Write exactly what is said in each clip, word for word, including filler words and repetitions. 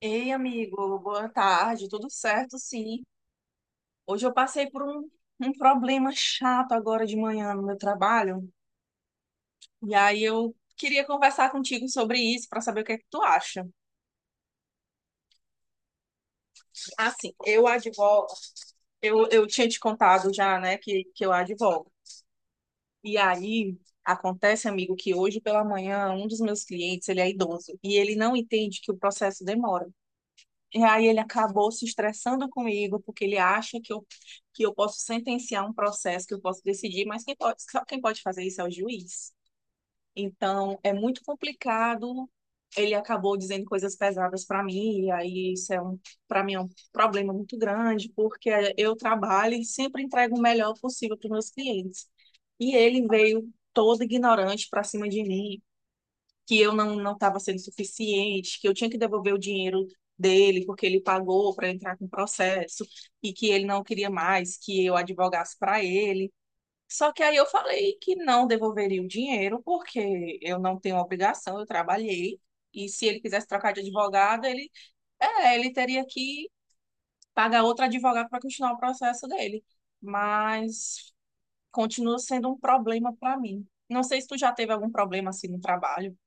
Ei, amigo, boa tarde, tudo certo? Sim. Hoje eu passei por um, um problema chato agora de manhã no meu trabalho, e aí eu queria conversar contigo sobre isso para saber o que é que tu acha. Assim, eu advogo, eu, eu tinha te contado já, né, que, que eu advogo. E aí acontece, amigo, que hoje pela manhã um dos meus clientes, ele é idoso, e ele não entende que o processo demora. E aí ele acabou se estressando comigo, porque ele acha que eu, que eu posso sentenciar um processo, que eu posso decidir, mas quem pode, só quem pode fazer isso é o juiz. Então, é muito complicado. Ele acabou dizendo coisas pesadas para mim, e aí isso é um, para mim é um problema muito grande, porque eu trabalho e sempre entrego o melhor possível para os meus clientes. E ele veio todo ignorante para cima de mim, que eu não não estava sendo suficiente, que eu tinha que devolver o dinheiro dele porque ele pagou para entrar com o processo e que ele não queria mais que eu advogasse para ele. Só que aí eu falei que não devolveria o dinheiro porque eu não tenho obrigação, eu trabalhei. E se ele quisesse trocar de advogado, ele, é, ele teria que pagar outro advogado para continuar o processo dele. Mas continua sendo um problema para mim. Não sei se tu já teve algum problema assim no trabalho.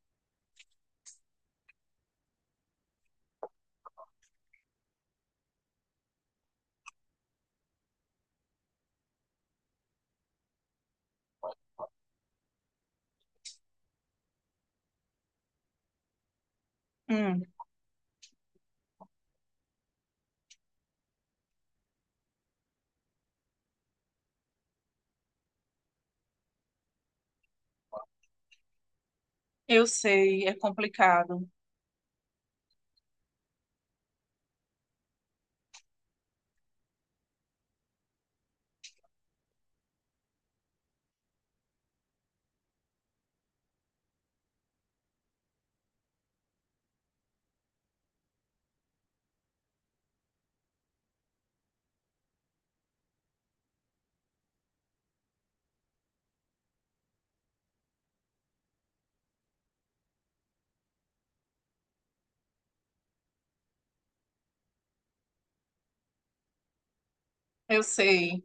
Hum. Eu sei, é complicado. Eu sei.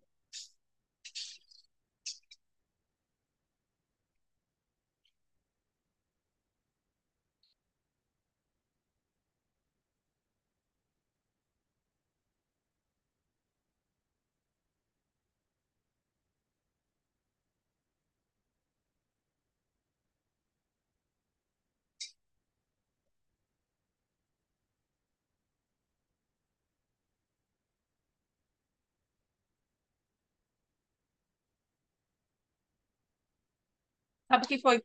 Sabe o que foi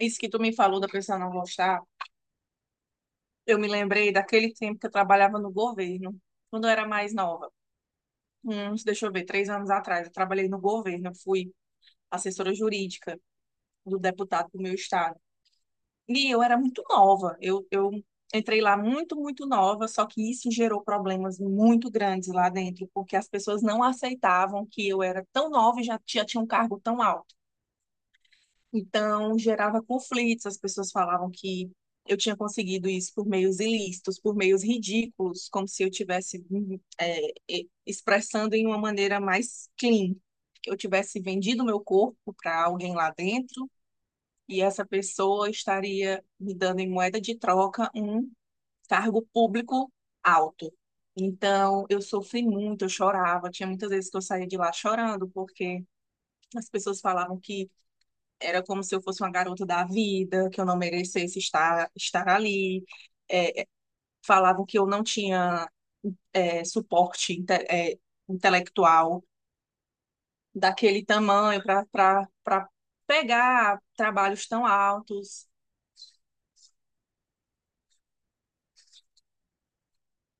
isso que tu me falou da pessoa não gostar? Eu me lembrei daquele tempo que eu trabalhava no governo, quando eu era mais nova. Uns, deixa eu ver, três anos atrás, eu trabalhei no governo, eu fui assessora jurídica do deputado do meu estado. E eu era muito nova. Eu, eu entrei lá muito, muito nova, só que isso gerou problemas muito grandes lá dentro, porque as pessoas não aceitavam que eu era tão nova e já tinha, tinha um cargo tão alto. Então, gerava conflitos, as pessoas falavam que eu tinha conseguido isso por meios ilícitos, por meios ridículos, como se eu tivesse hum, é, é, expressando em uma maneira mais clean, que eu tivesse vendido meu corpo para alguém lá dentro e essa pessoa estaria me dando em moeda de troca um cargo público alto. Então, eu sofri muito, eu chorava. Tinha muitas vezes que eu saía de lá chorando, porque as pessoas falavam que era como se eu fosse uma garota da vida, que eu não merecesse estar, estar ali. Falavam que eu não tinha é, suporte inte- é, intelectual daquele tamanho para para pegar trabalhos tão altos.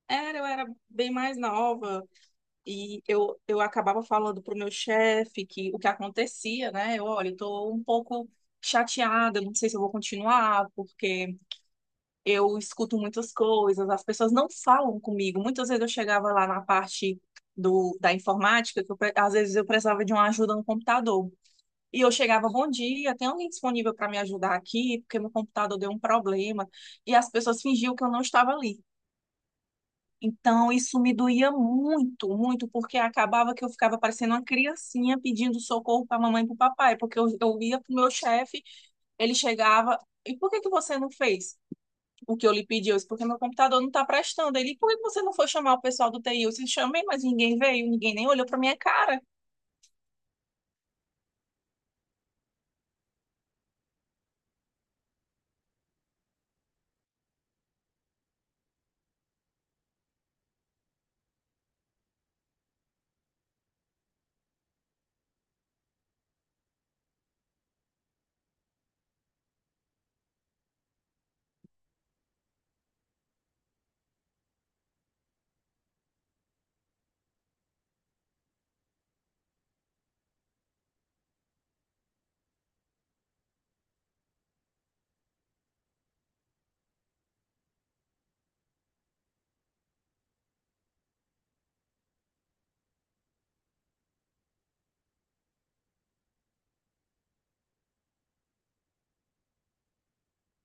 Era, eu era bem mais nova e eu, eu acabava falando para o meu chefe que o que acontecia, né? Eu, olha, estou um pouco chateada, não sei se eu vou continuar, porque eu escuto muitas coisas, as pessoas não falam comigo. Muitas vezes eu chegava lá na parte do, da informática, que eu pre- às vezes eu precisava de uma ajuda no computador. E eu chegava, bom dia, tem alguém disponível para me ajudar aqui? Porque meu computador deu um problema. E as pessoas fingiam que eu não estava ali. Então, isso me doía muito, muito, porque acabava que eu ficava parecendo uma criancinha pedindo socorro para a mamãe e para o papai, porque eu, eu ia para o meu chefe, ele chegava, e por que que você não fez o que eu lhe pedi? Eu disse, porque meu computador não está prestando. Ele, por que você não foi chamar o pessoal do T I? Eu disse, chamei, mas ninguém veio, ninguém nem olhou para minha cara.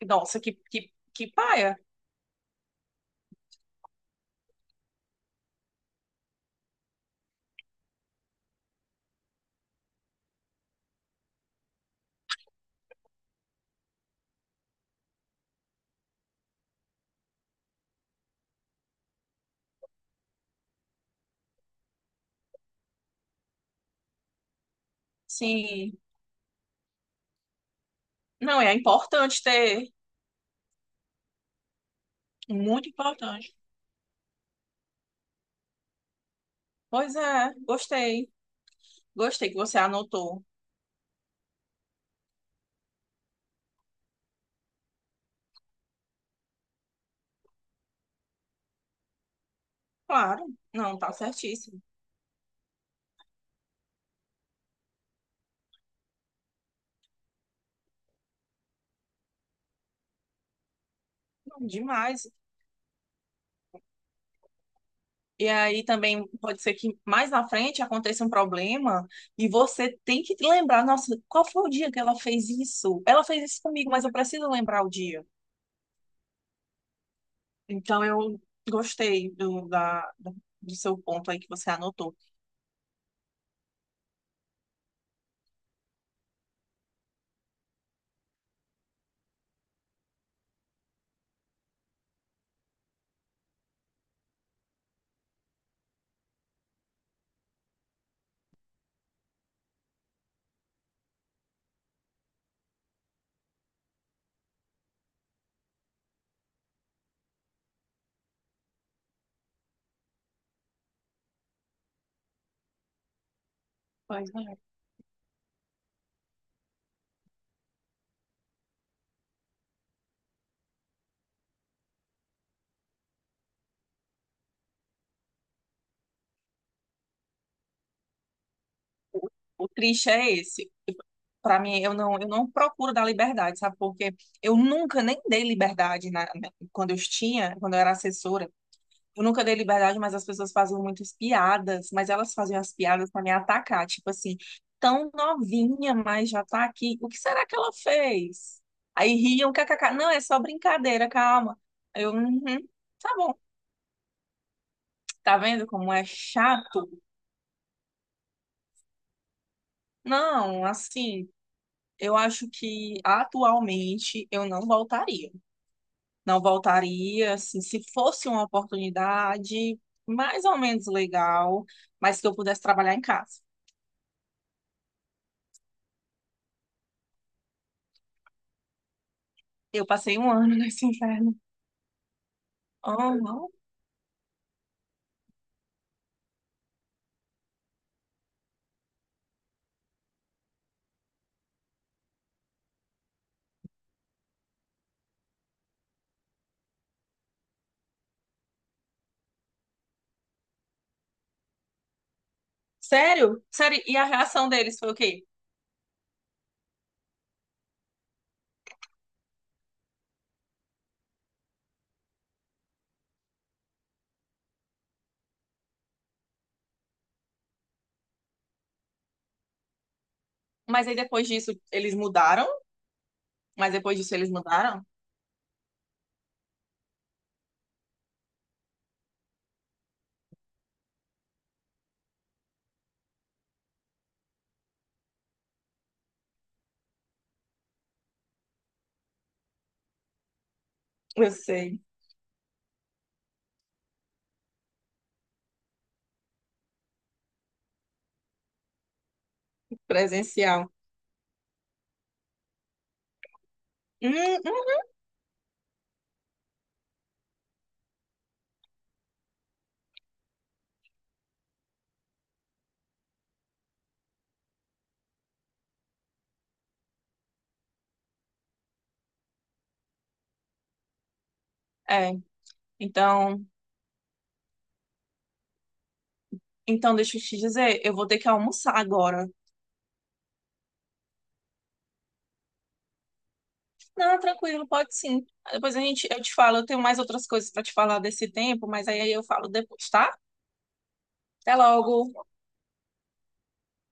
Nossa, que, que, que paia. Sim, não, é importante ter, muito importante. Pois é, gostei, gostei que você anotou. Claro, não, tá certíssimo. Não, demais. E aí também pode ser que mais na frente aconteça um problema e você tem que lembrar, nossa, qual foi o dia que ela fez isso? Ela fez isso comigo, mas eu preciso lembrar o dia. Então, eu gostei do, da, da- do seu ponto aí que você anotou. Pois é. O, o triste é esse. Para mim, eu não, eu não procuro dar liberdade, sabe? Porque eu nunca nem dei liberdade na, na- quando eu tinha, quando eu era assessora. Eu nunca dei liberdade, mas as pessoas faziam muitas piadas, mas elas faziam as piadas para me atacar. Tipo assim, tão novinha, mas já tá aqui. O que será que ela fez? Aí riam, kkk. Não, é só brincadeira, calma. Aí eu, uhum, tá bom. Tá vendo como é chato? Não, assim, eu acho que atualmente eu não voltaria. Não voltaria, assim, se fosse uma oportunidade mais ou menos legal, mas que eu pudesse trabalhar em casa. Eu passei um ano nesse inferno. Oh, não. Sério? Sério? E a reação deles foi o quê? Mas aí depois disso eles mudaram? Mas depois disso eles mudaram? Eu sei, presencial. Hum, hum. É, então. Então, deixa eu te dizer, eu vou ter que almoçar agora. Não, tranquilo, pode sim. Depois a gente, eu te falo, eu tenho mais outras coisas para te falar desse tempo, mas aí aí eu falo depois, tá? Até logo.